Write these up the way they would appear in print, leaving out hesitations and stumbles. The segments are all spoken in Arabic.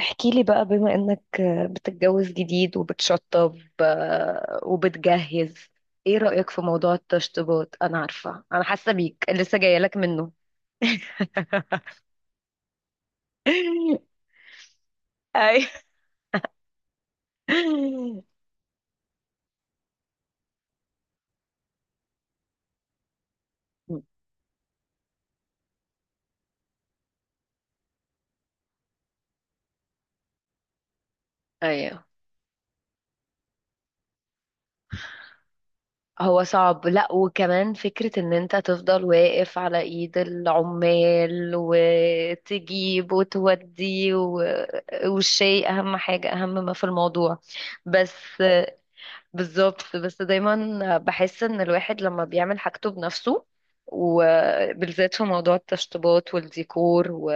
احكي لي بقى بما انك بتتجوز جديد وبتشطب، وبتجهز. ايه رأيك في موضوع التشطيبات؟ انا عارفة، انا حاسة بيك لسه جاية لك منه. اي، ايوه. هو صعب، لا، وكمان فكرة ان انت تفضل واقف على ايد العمال وتجيب وتودي و... والشيء، اهم حاجة، اهم ما في الموضوع، بس بالظبط. بس دايما بحس ان الواحد لما بيعمل حاجته بنفسه، وبالذات في موضوع التشطيبات والديكور و...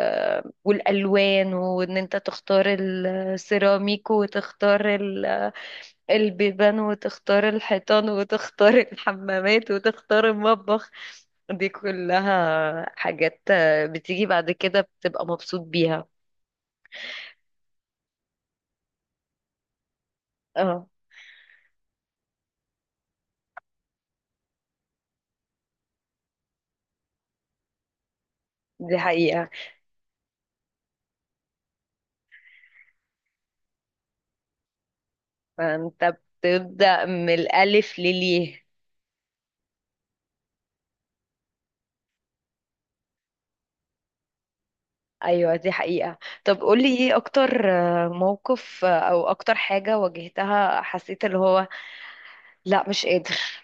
والالوان، وان انت تختار السيراميك وتختار البيبان، وتختار الحيطان، وتختار الحمامات، وتختار المطبخ. دي كلها حاجات بتيجي بعد كده بتبقى مبسوط بيها. اه دي حقيقة، فانت بتبدأ من الألف لليه. ايوه دي حقيقة. طب قولي، ايه اكتر موقف او اكتر حاجة واجهتها حسيت اللي هو لا مش قادر؟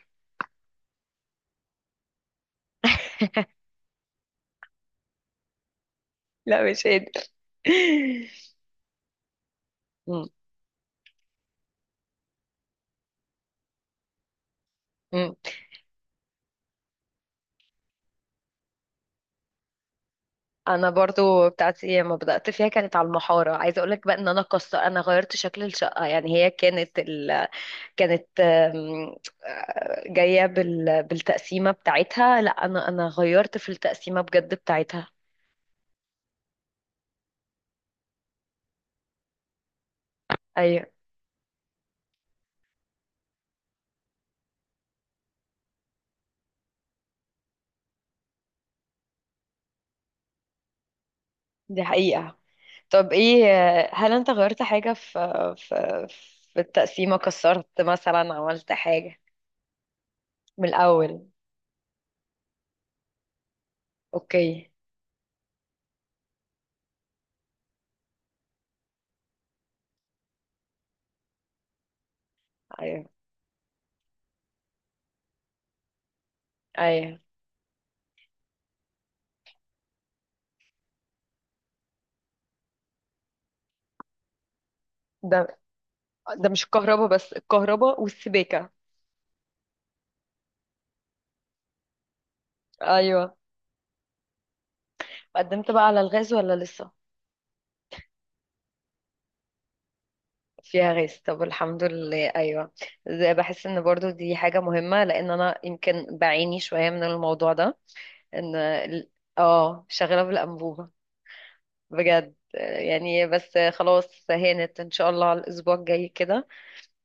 لا مش قادر. مم، مم. انا برضو بتاعتي لما بدأت فيها كانت على المحارة. عايزة اقولك بقى ان انا، قصة انا غيرت شكل الشقة، يعني هي كانت كانت جاية بالتقسيمة بتاعتها، لا انا غيرت في التقسيمة بجد بتاعتها. ايوه دي حقيقة. طب ايه، هل انت غيرت حاجة في في في التقسيمة، كسرت مثلا، عملت حاجة من الأول؟ اوكي. ايوه، ايوه. ده ده مش الكهرباء بس، الكهرباء والسباكة. ايوه، قدمت بقى على الغاز ولا لسه؟ فيها غاز، طب الحمد لله. ايوه، ده بحس ان برضو دي حاجة مهمة، لان انا يمكن بعاني شوية من الموضوع ده، ان اه شغالة بالأنبوبة، بجد يعني. بس خلاص هانت ان شاء الله على الاسبوع الجاي كده.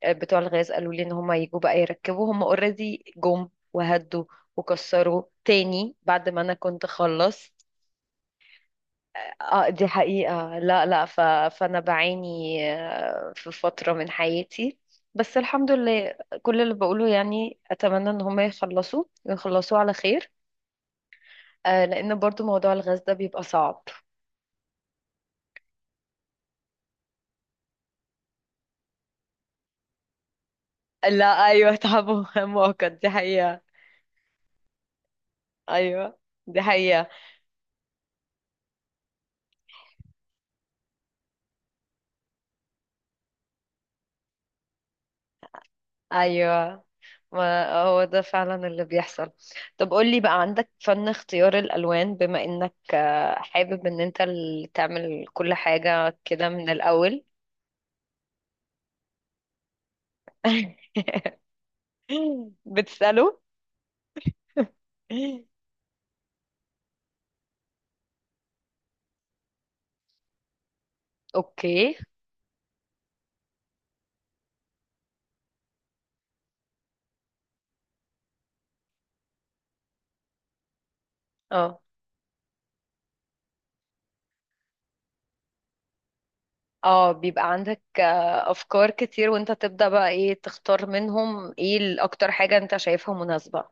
بتوع الغاز قالوا لي ان هم يجوا بقى يركبوا، هم اوريدي جم وهدوا وكسروا تاني بعد ما انا كنت خلصت. اه دي حقيقة، لا لا فانا بعاني في فترة من حياتي، بس الحمد لله. كل اللي بقوله يعني اتمنى ان هم يخلصوا ويخلصوا على خير، لان برضو موضوع الغاز ده بيبقى صعب. لا ايوه، تعب مؤقت، دي حقيقة. ايوه دي حقيقة. ايوه ما هو ده فعلا اللي بيحصل. طب قولي بقى، عندك فن اختيار الالوان، بما انك حابب ان انت اللي تعمل كل حاجة كده من الاول؟ بتسأله، اوكي. اه اه بيبقى عندك افكار كتير، وانت تبدأ بقى ايه تختار منهم، ايه الاكتر حاجة انت شايفها مناسبة؟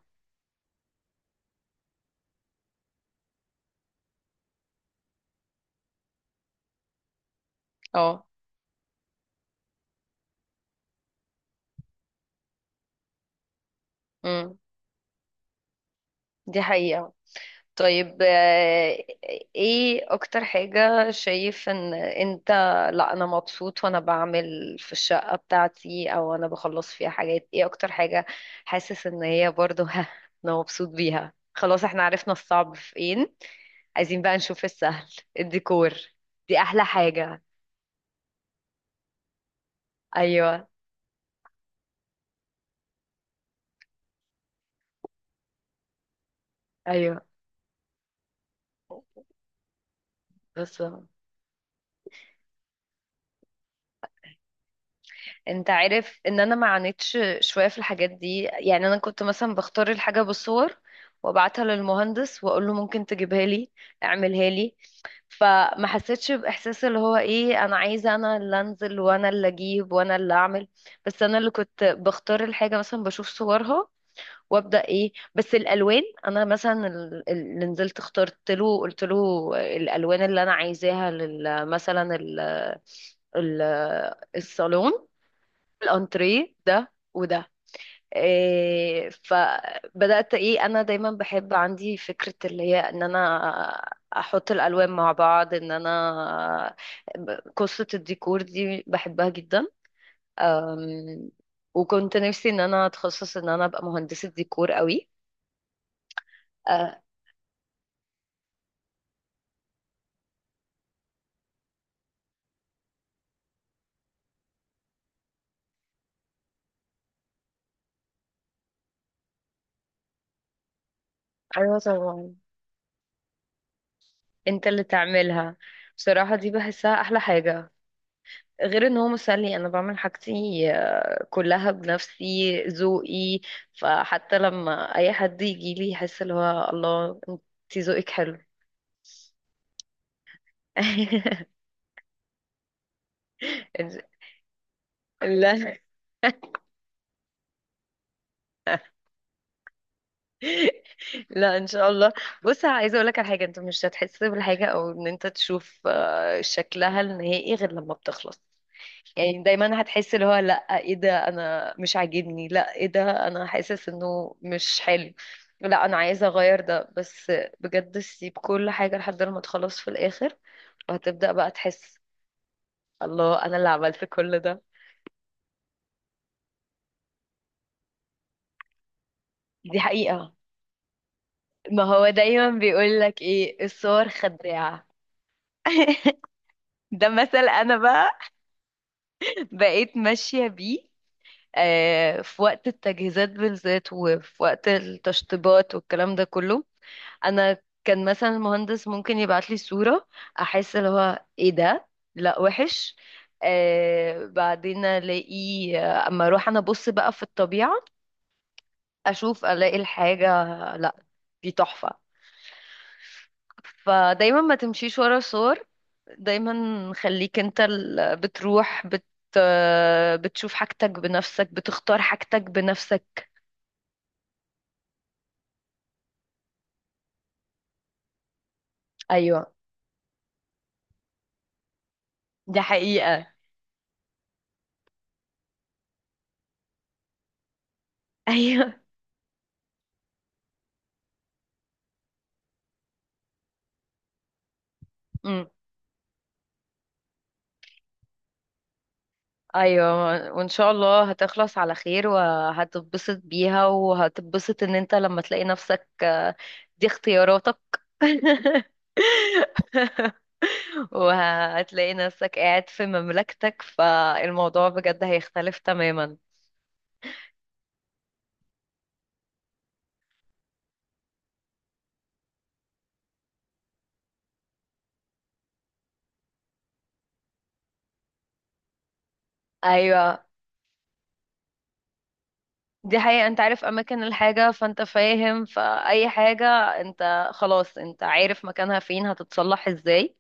اه، امم دي حقيقة. طيب ايه اكتر حاجة شايف ان انت، لا انا مبسوط وانا بعمل في الشقة بتاعتي، او انا بخلص فيها حاجات؟ ايه اكتر حاجة حاسس ان هي برضو ها، انا مبسوط بيها؟ خلاص احنا عرفنا الصعب فين، عايزين بقى نشوف السهل. الديكور، دي احلى حاجة. ايوه، ايوه، بس انت عارف ان انا ما عانيتش شويه في الحاجات دي، يعني انا كنت مثلا بختار الحاجه بالصور، وابعتها للمهندس واقول له ممكن تجيبها لي، اعملها لي. فما حسيتش باحساس اللي هو ايه، انا عايزه انا اللي انزل وانا اللي اجيب وانا اللي اعمل. بس انا اللي كنت بختار الحاجه، مثلا بشوف صورها، وابدا ايه، بس الالوان. انا مثلا اللي نزلت اخترت له، قلت له الالوان اللي انا عايزاها مثلا ال- الصالون، الانتريه ده وده، إيه. فبدأت، ايه، انا دايما بحب عندي فكرة اللي هي ان انا احط الالوان مع بعض، ان انا قصة الديكور دي بحبها جدا. أم، وكنت نفسي ان انا اتخصص، ان انا ابقى مهندسة ديكور قوي. أه، ايوه طبعا. انت اللي تعملها. بصراحة دي بحسها احلى حاجة، غير ان هو مسلي، انا بعمل حاجتي كلها بنفسي، ذوقي. فحتى لما اي حد يجي لي يحس اللي هو الله انت ذوقك حلو. لا، لا ان شاء الله. بص عايزه اقول لك على حاجه، انت مش هتحس بالحاجه او ان انت تشوف شكلها النهائي غير لما بتخلص. يعني دايما هتحس اللي هو لا، ايه ده، انا مش عاجبني، لا ايه ده، انا حاسس انه مش حلو، لا انا عايزه اغير ده. بس بجد سيب كل حاجه لحد ما تخلص في الاخر، وهتبدا بقى تحس الله انا اللي عملت كل ده. دي حقيقه، ما هو دايما بيقول لك ايه، الصور خداعه. ده مثل، انا بقى بقيت ماشيه بيه، في وقت التجهيزات بالذات، وفي وقت التشطيبات والكلام ده كله. انا كان مثلا المهندس ممكن يبعت لي صورة، احس اللي هو ايه ده، لا وحش. بعدين الاقي، اما اروح انا ابص بقى في الطبيعة، اشوف الاقي الحاجة، لا دي تحفة. فدايما ما تمشيش ورا صور، دايما خليك انت بتروح بتشوف حاجتك بنفسك، بتختار حاجتك بنفسك. ايوه دي حقيقة. ايوه. أمم. ايوه وان شاء الله هتخلص على خير، وهتتبسط بيها، وهتتبسط ان انت لما تلاقي نفسك، دي اختياراتك. وهتلاقي نفسك قاعد في مملكتك، فالموضوع بجد هيختلف تماما. ايوه دي حقيقة. انت عارف اماكن الحاجة، فانت فاهم فاي حاجة، انت خلاص انت عارف مكانها فين، هتتصلح ازاي.